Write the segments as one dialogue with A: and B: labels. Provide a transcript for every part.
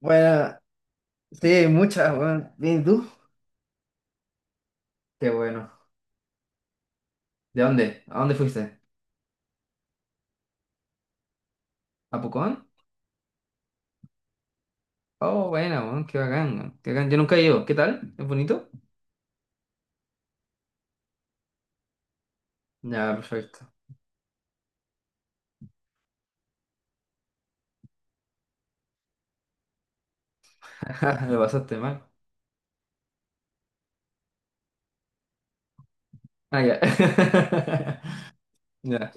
A: Bueno, sí, muchas, bueno. Bien, ¿y tú? Qué bueno. ¿De dónde? ¿A dónde fuiste? ¿A Pucón? Oh, bueno, bueno, qué bacán, bueno, qué bacán. Yo nunca he ido. ¿Qué tal? ¿Es bonito? Ya, perfecto. Lo pasaste mal. Ah, ya. Ya,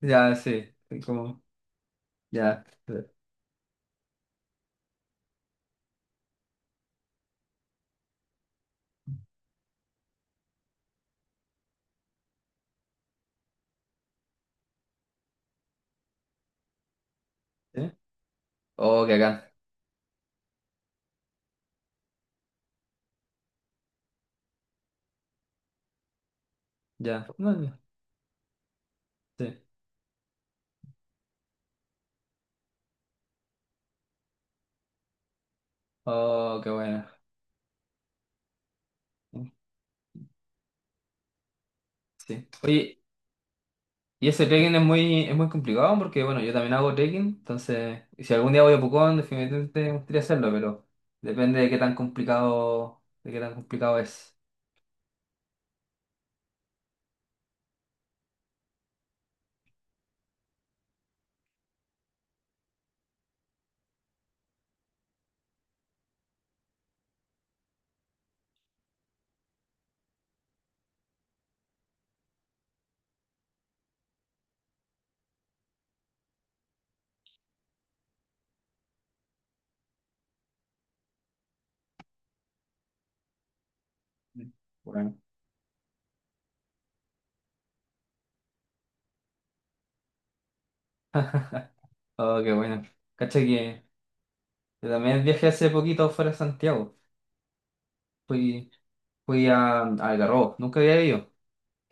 A: ya, sí. Como, ya. ¿Eh? Oh, qué bacán. Ya. No, ya, sí. Oh, qué bueno. Sí. Oye, y ese trekking es muy complicado porque, bueno, yo también hago trekking, entonces, y si algún día voy a Pucón, definitivamente me gustaría hacerlo, pero depende de qué tan complicado es. Bueno. Oh, qué bueno. Cacha que yo también viajé hace poquito fuera de Santiago. Fui, fui a Algarrobo, nunca había ido.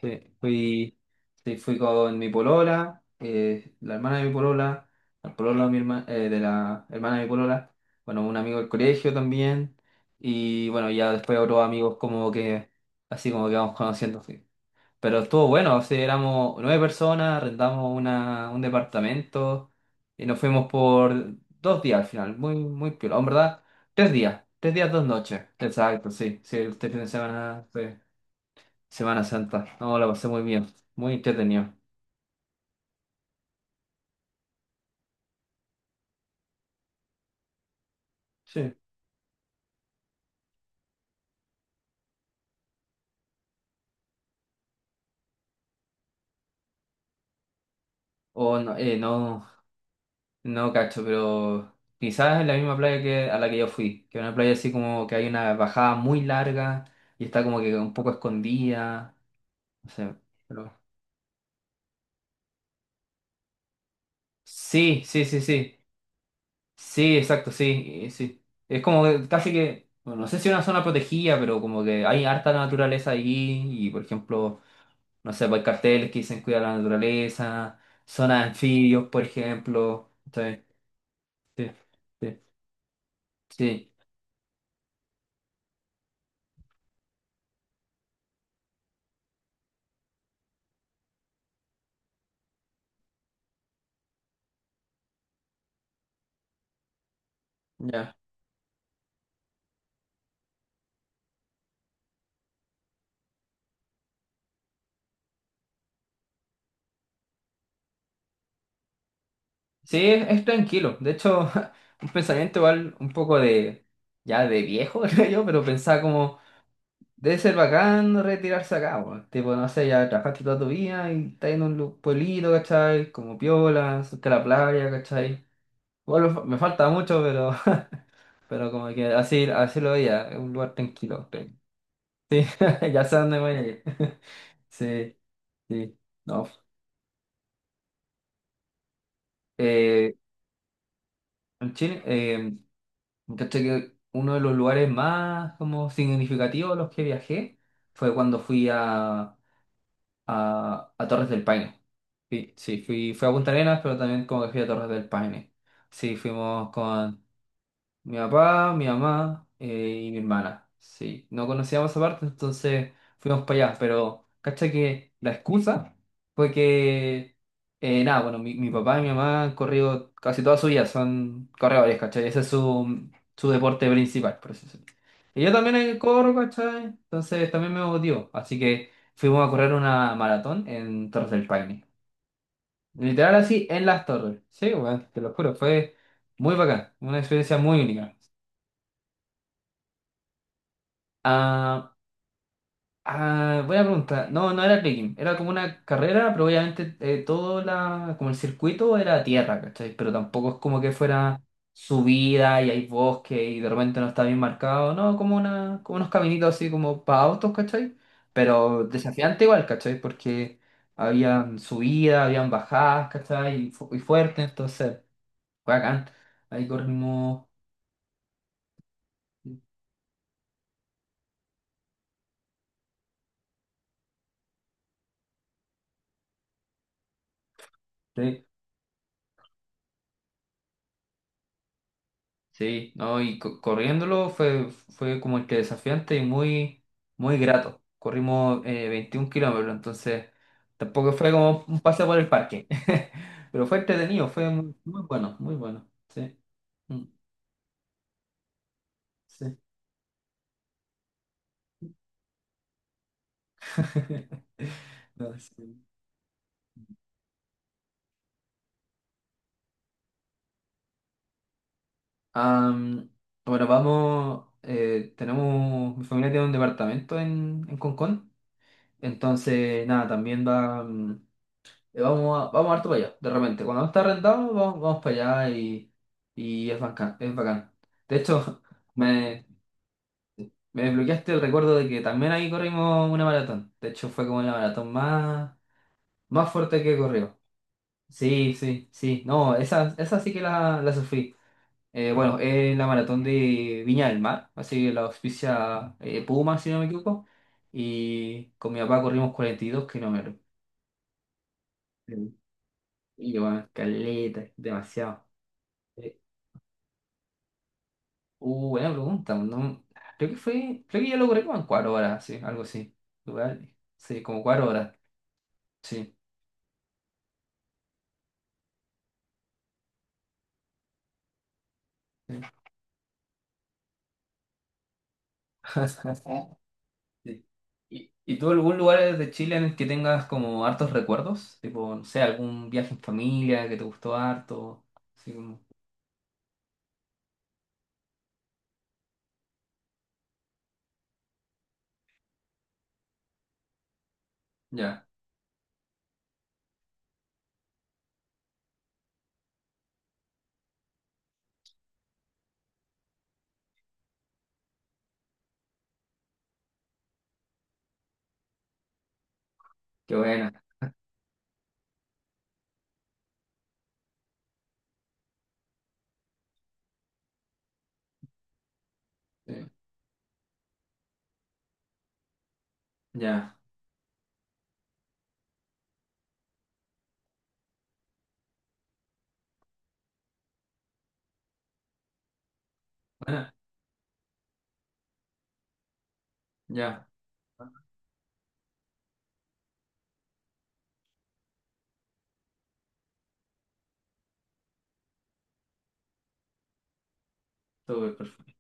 A: Sí, fui, sí, fui con mi polola, la hermana de mi polola, el pololo de de la hermana de mi polola, bueno, un amigo del colegio también, y bueno, ya después otros amigos como que, así como que vamos conociendo, sí. Pero estuvo bueno, o sea, éramos nueve personas, rentamos un departamento, y nos fuimos por 2 días al final, muy, muy piola, en verdad, 3 días, 3 días, 2 noches, exacto, sí, sí, este fin de semana, sí. Semana Santa. No, la pasé muy bien. Muy entretenido. Sí. O no, no, no cacho, pero quizás en la misma playa que a la que yo fui, que es una playa así como que hay una bajada muy larga y está como que un poco escondida. No sé, pero. Sí, sí, sí, sí. Sí, exacto, sí, sí. Es como que casi que, bueno, no sé si es una zona protegida, pero como que hay harta naturaleza allí y, por ejemplo, no sé, pues, hay carteles que dicen cuidar la naturaleza, zonas de anfibios, por ejemplo. ¿Cachai? Sí, sí, sí, ya. Sí, es tranquilo. De hecho, un pensamiento igual un poco de, ya de viejo, creo yo, pero pensaba como. Debe ser bacán retirarse acá, weón. Tipo, no sé, ya trabajaste toda tu vida y estás en un pueblito, ¿cachai? Como piola, cerca de la playa, ¿cachai? Igual me falta mucho, pero, pero como que así, así lo veía, es un lugar tranquilo, creo. Sí, ya sé dónde voy a ir. Sí, sí, no. Eh, en Chile, ¿cachai? Que uno de los lugares más como significativos a los que viajé fue cuando fui a Torres del Paine. Sí, sí, fui a Punta Arenas, pero también como que fui a Torres del Paine. Sí, fuimos con mi papá, mi mamá y mi hermana. Sí, no conocíamos esa parte, entonces fuimos para allá. Pero, cacha que la excusa fue que, nada, bueno, mi papá y mi mamá han corrido casi toda su vida, son corredores, ¿cachai? Ese es su deporte principal, por así decirlo. Y yo también corro, ¿cachai? Entonces también me motivó. Así que fuimos a correr una maratón en Torres del Paine. Literal así en las torres. Sí, weón, te lo juro, fue muy bacán, una experiencia muy única. Ah, ah, buena pregunta. No, no era trekking, era como una carrera, pero obviamente como el circuito era tierra, ¿cachai? Pero tampoco es como que fuera subida y hay bosque y de repente no está bien marcado, no, como unos caminitos así como para autos, ¿cachai? Pero desafiante igual, ¿cachai? Porque habían subidas, habían bajadas, ¿cachai? Y fuerte, entonces. Bacán. Ahí corrimos. Sí, sí, no, y corriéndolo fue como que desafiante y muy, muy grato. Corrimos 21 kilómetros, entonces tampoco fue como un paseo por el parque. Pero fue entretenido, fue muy, muy bueno, muy bueno. Sí. Mm, sí. No, sí. Am, bueno, vamos. Tenemos. Mi familia tiene un departamento en Concón. Entonces, nada, también va. Vamos harto para allá, de repente. Cuando no está rentado, vamos, vamos para allá y es bacán, es bacán. De hecho, me, me desbloqueaste el recuerdo de que también ahí corrimos una maratón. De hecho, fue como la maratón más, más fuerte que he corrido. Sí, sí, sí. No, esa sí que la sufrí. Bueno, es la maratón de Viña del Mar, así que la auspicia Puma, si no me equivoco. Y con mi papá corrimos 42 kilómetros. Sí. Y bueno, caleta, demasiado. Buena pregunta. Creo que yo lo corrí como en 4 horas, sí, algo así. Igual, sí, como 4 horas, sí, sí. Sí. ¿Y tú algún lugar de Chile en el que tengas como hartos recuerdos? Tipo, no sé, algún viaje en familia que te gustó harto. Así como, ya, qué buena. Sí, ya, buena, ya, todo perfecto.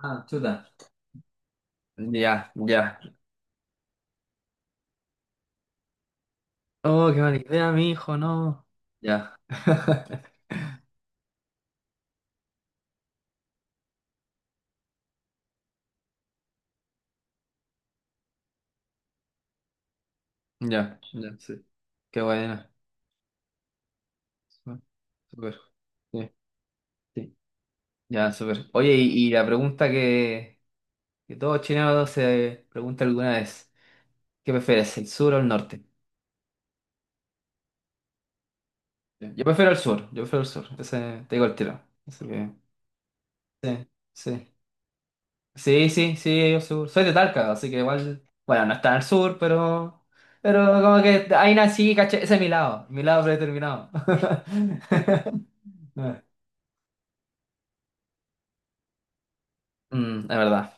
A: Ah, chuta. Ya, ya. Oh, qué mala idea, mi hijo, no. Ya, ya, ya, sí. Qué buena. Súper. Súper. Sí, sí. Ya, súper. Oye, y la pregunta que todo chileno se pregunta alguna vez, ¿qué prefieres, el sur o el norte? Sí. Yo prefiero el sur, yo prefiero el sur, ese, te digo el tiro. Así que, sí, sí. Sí, sí, sí, yo sur. Soy de Talca, así que igual, bueno, no está al sur, pero como que ahí nací, caché, ese es mi lado predeterminado. Mm, es verdad,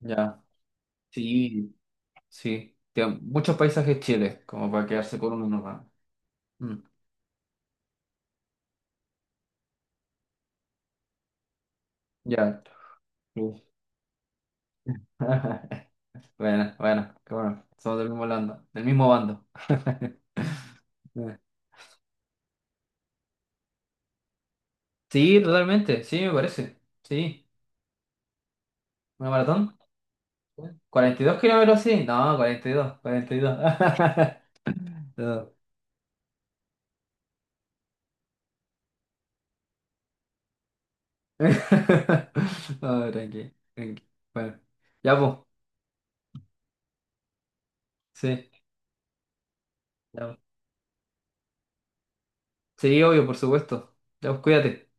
A: ya. Sí. Sí, tiene muchos paisajes Chile, como para quedarse con uno nomás. Mm, ya. Sí. Bueno, bueno, qué bueno. Somos del mismo bando, del mismo bando. Sí, totalmente, sí, me parece. Sí, una maratón. 42 kilómetros, sí. No, 42, 42. No. No, tranqui, tranqui. Bueno, ya, pues, sí, ya, po. Sí, obvio, por supuesto. Ya, pues, cuídate.